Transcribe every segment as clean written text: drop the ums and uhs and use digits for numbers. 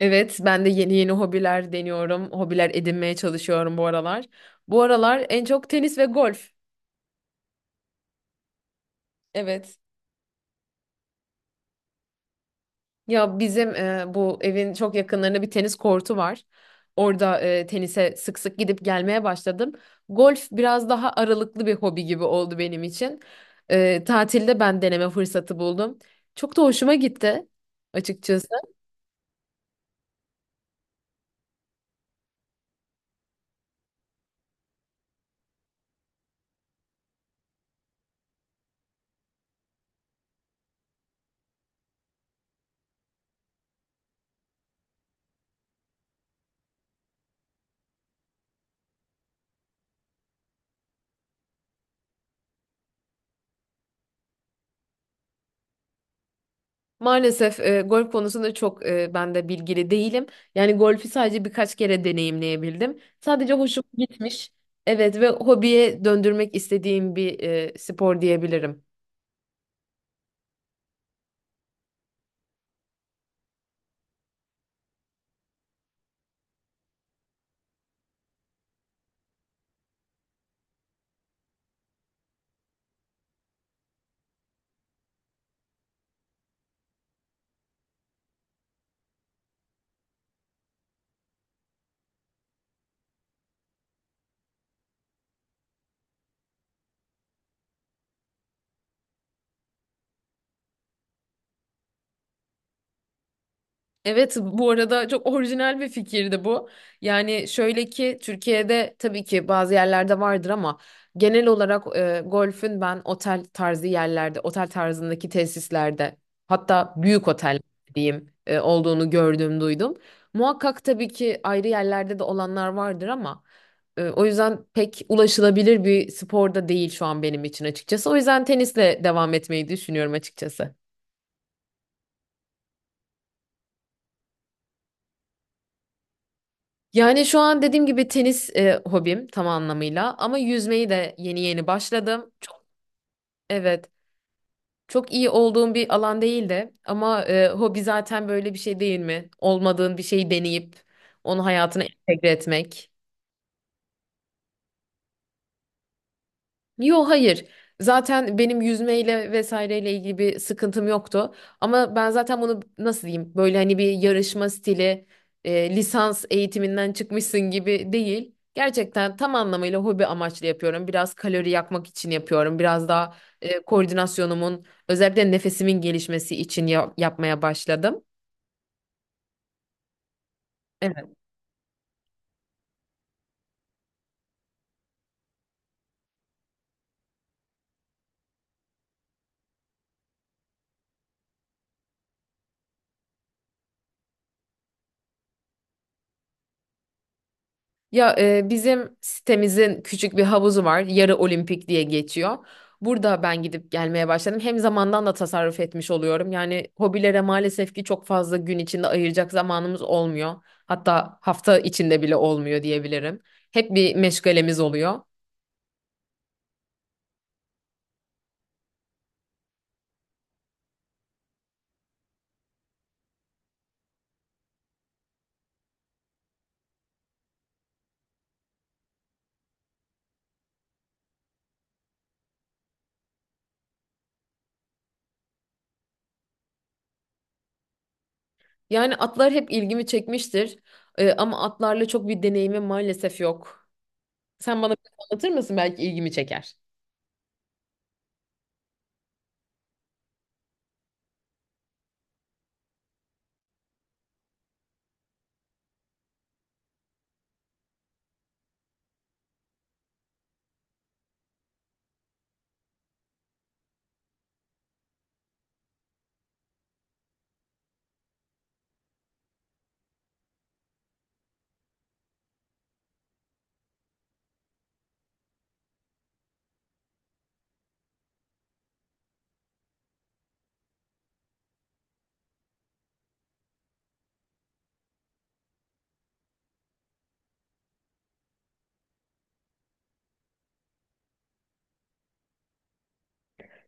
Evet, ben de yeni yeni hobiler deniyorum. Hobiler edinmeye çalışıyorum bu aralar. Bu aralar en çok tenis ve golf. Evet. Ya bizim bu evin çok yakınlarında bir tenis kortu var. Orada tenise sık sık gidip gelmeye başladım. Golf biraz daha aralıklı bir hobi gibi oldu benim için. Tatilde ben deneme fırsatı buldum. Çok da hoşuma gitti açıkçası. Maalesef golf konusunda çok ben de bilgili değilim. Yani golfi sadece birkaç kere deneyimleyebildim. Sadece hoşuma gitmiş. Evet ve hobiye döndürmek istediğim bir spor diyebilirim. Evet, bu arada çok orijinal bir fikirdi bu. Yani şöyle ki Türkiye'de tabii ki bazı yerlerde vardır ama genel olarak golfün ben otel tarzı yerlerde, otel tarzındaki tesislerde, hatta büyük otel diyeyim olduğunu gördüm, duydum. Muhakkak tabii ki ayrı yerlerde de olanlar vardır ama o yüzden pek ulaşılabilir bir spor da değil şu an benim için açıkçası. O yüzden tenisle devam etmeyi düşünüyorum açıkçası. Yani şu an dediğim gibi tenis hobim tam anlamıyla, ama yüzmeyi de yeni yeni başladım. Çok evet. Çok iyi olduğum bir alan değil de ama hobi zaten böyle bir şey değil mi? Olmadığın bir şeyi deneyip onu hayatına entegre etmek. Yo, hayır. Zaten benim yüzmeyle vesaireyle ilgili bir sıkıntım yoktu. Ama ben zaten bunu nasıl diyeyim? Böyle hani bir yarışma stili, lisans eğitiminden çıkmışsın gibi değil. Gerçekten tam anlamıyla hobi amaçlı yapıyorum. Biraz kalori yakmak için yapıyorum. Biraz daha koordinasyonumun, özellikle nefesimin gelişmesi için yapmaya başladım. Evet. Ya bizim sitemizin küçük bir havuzu var. Yarı olimpik diye geçiyor. Burada ben gidip gelmeye başladım. Hem zamandan da tasarruf etmiş oluyorum. Yani hobilere maalesef ki çok fazla gün içinde ayıracak zamanımız olmuyor. Hatta hafta içinde bile olmuyor diyebilirim. Hep bir meşgalemiz oluyor. Yani atlar hep ilgimi çekmiştir. Ama atlarla çok bir deneyimim maalesef yok. Sen bana biraz anlatır mısın? Belki ilgimi çeker.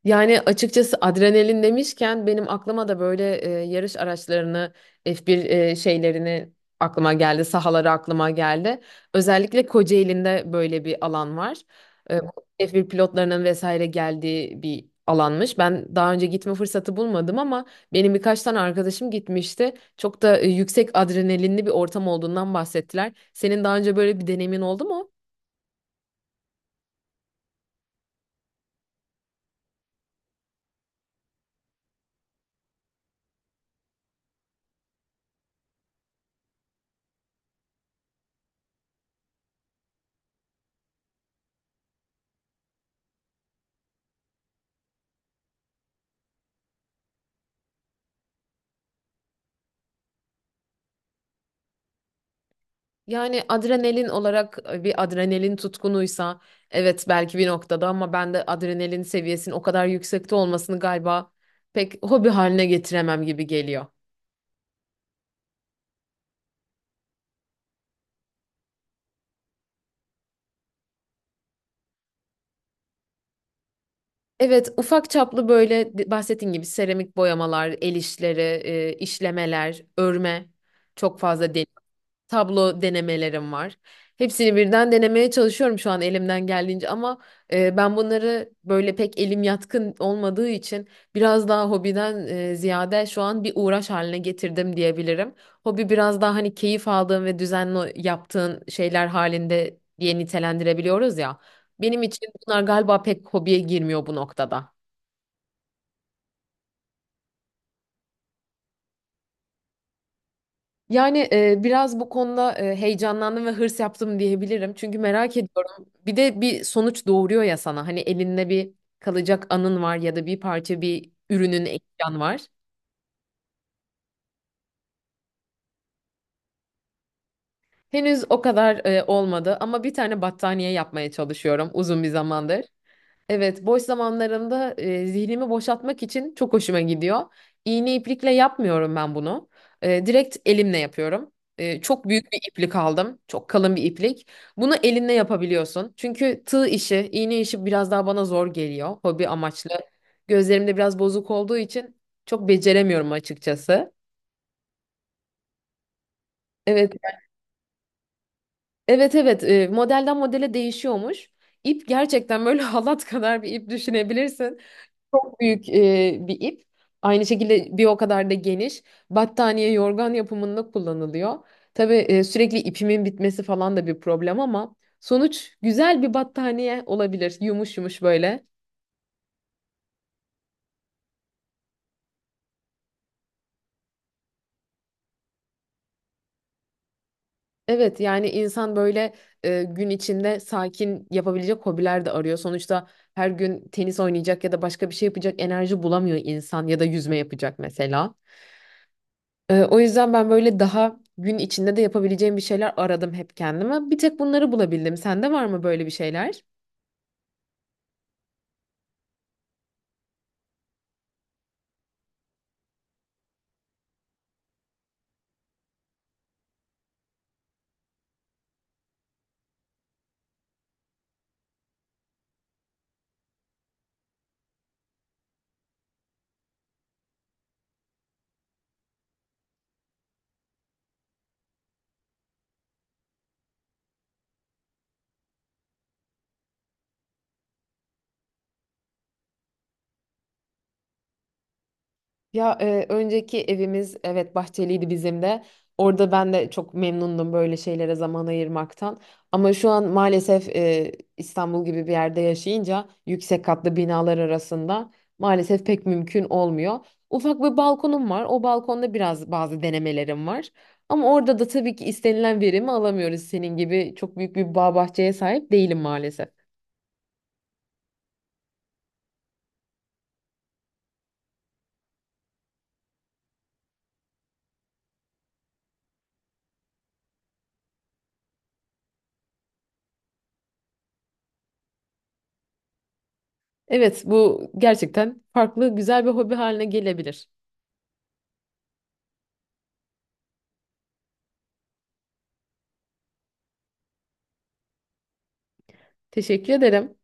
Yani açıkçası adrenalin demişken benim aklıma da böyle yarış araçlarını, F1 şeylerini aklıma geldi, sahaları aklıma geldi. Özellikle Kocaeli'nde böyle bir alan var. E, F1 pilotlarının vesaire geldiği bir alanmış. Ben daha önce gitme fırsatı bulmadım ama benim birkaç tane arkadaşım gitmişti. Çok da yüksek adrenalinli bir ortam olduğundan bahsettiler. Senin daha önce böyle bir deneyimin oldu mu? Yani adrenalin olarak bir adrenalin tutkunuysa evet belki bir noktada, ama ben de adrenalin seviyesinin o kadar yüksekte olmasını galiba pek hobi haline getiremem gibi geliyor. Evet, ufak çaplı böyle bahsettiğin gibi seramik boyamalar, el işleri, işlemeler, örme, çok fazla tablo denemelerim var. Hepsini birden denemeye çalışıyorum şu an elimden geldiğince, ama ben bunları böyle pek elim yatkın olmadığı için biraz daha hobiden ziyade şu an bir uğraş haline getirdim diyebilirim. Hobi biraz daha hani keyif aldığın ve düzenli yaptığın şeyler halinde diye nitelendirebiliyoruz ya. Benim için bunlar galiba pek hobiye girmiyor bu noktada. Yani biraz bu konuda heyecanlandım ve hırs yaptım diyebilirim. Çünkü merak ediyorum. Bir de bir sonuç doğuruyor ya sana. Hani elinde bir kalacak anın var ya da bir parça, bir ürünün, eşyan var. Henüz o kadar olmadı ama bir tane battaniye yapmaya çalışıyorum uzun bir zamandır. Evet, boş zamanlarımda zihnimi boşaltmak için çok hoşuma gidiyor. İğne iplikle yapmıyorum ben bunu. Direkt elimle yapıyorum. Çok büyük bir iplik aldım. Çok kalın bir iplik. Bunu elinle yapabiliyorsun. Çünkü tığ işi, iğne işi biraz daha bana zor geliyor. Hobi amaçlı. Gözlerim de biraz bozuk olduğu için çok beceremiyorum açıkçası. Evet, evet, evet. Modelden modele değişiyormuş. İp gerçekten böyle halat kadar bir ip düşünebilirsin. Çok büyük bir ip. Aynı şekilde bir o kadar da geniş. Battaniye, yorgan yapımında kullanılıyor. Tabii sürekli ipimin bitmesi falan da bir problem, ama sonuç güzel bir battaniye olabilir. Yumuş yumuş böyle. Evet, yani insan böyle gün içinde sakin yapabilecek hobiler de arıyor. Sonuçta her gün tenis oynayacak ya da başka bir şey yapacak enerji bulamıyor insan, ya da yüzme yapacak mesela. O yüzden ben böyle daha gün içinde de yapabileceğim bir şeyler aradım hep kendime. Bir tek bunları bulabildim. Sende var mı böyle bir şeyler? Ya önceki evimiz evet bahçeliydi bizim de. Orada ben de çok memnundum böyle şeylere zaman ayırmaktan. Ama şu an maalesef İstanbul gibi bir yerde yaşayınca yüksek katlı binalar arasında maalesef pek mümkün olmuyor. Ufak bir balkonum var. O balkonda biraz bazı denemelerim var. Ama orada da tabii ki istenilen verimi alamıyoruz. Senin gibi çok büyük bir bağ bahçeye sahip değilim maalesef. Evet, bu gerçekten farklı, güzel bir hobi haline gelebilir. Teşekkür ederim.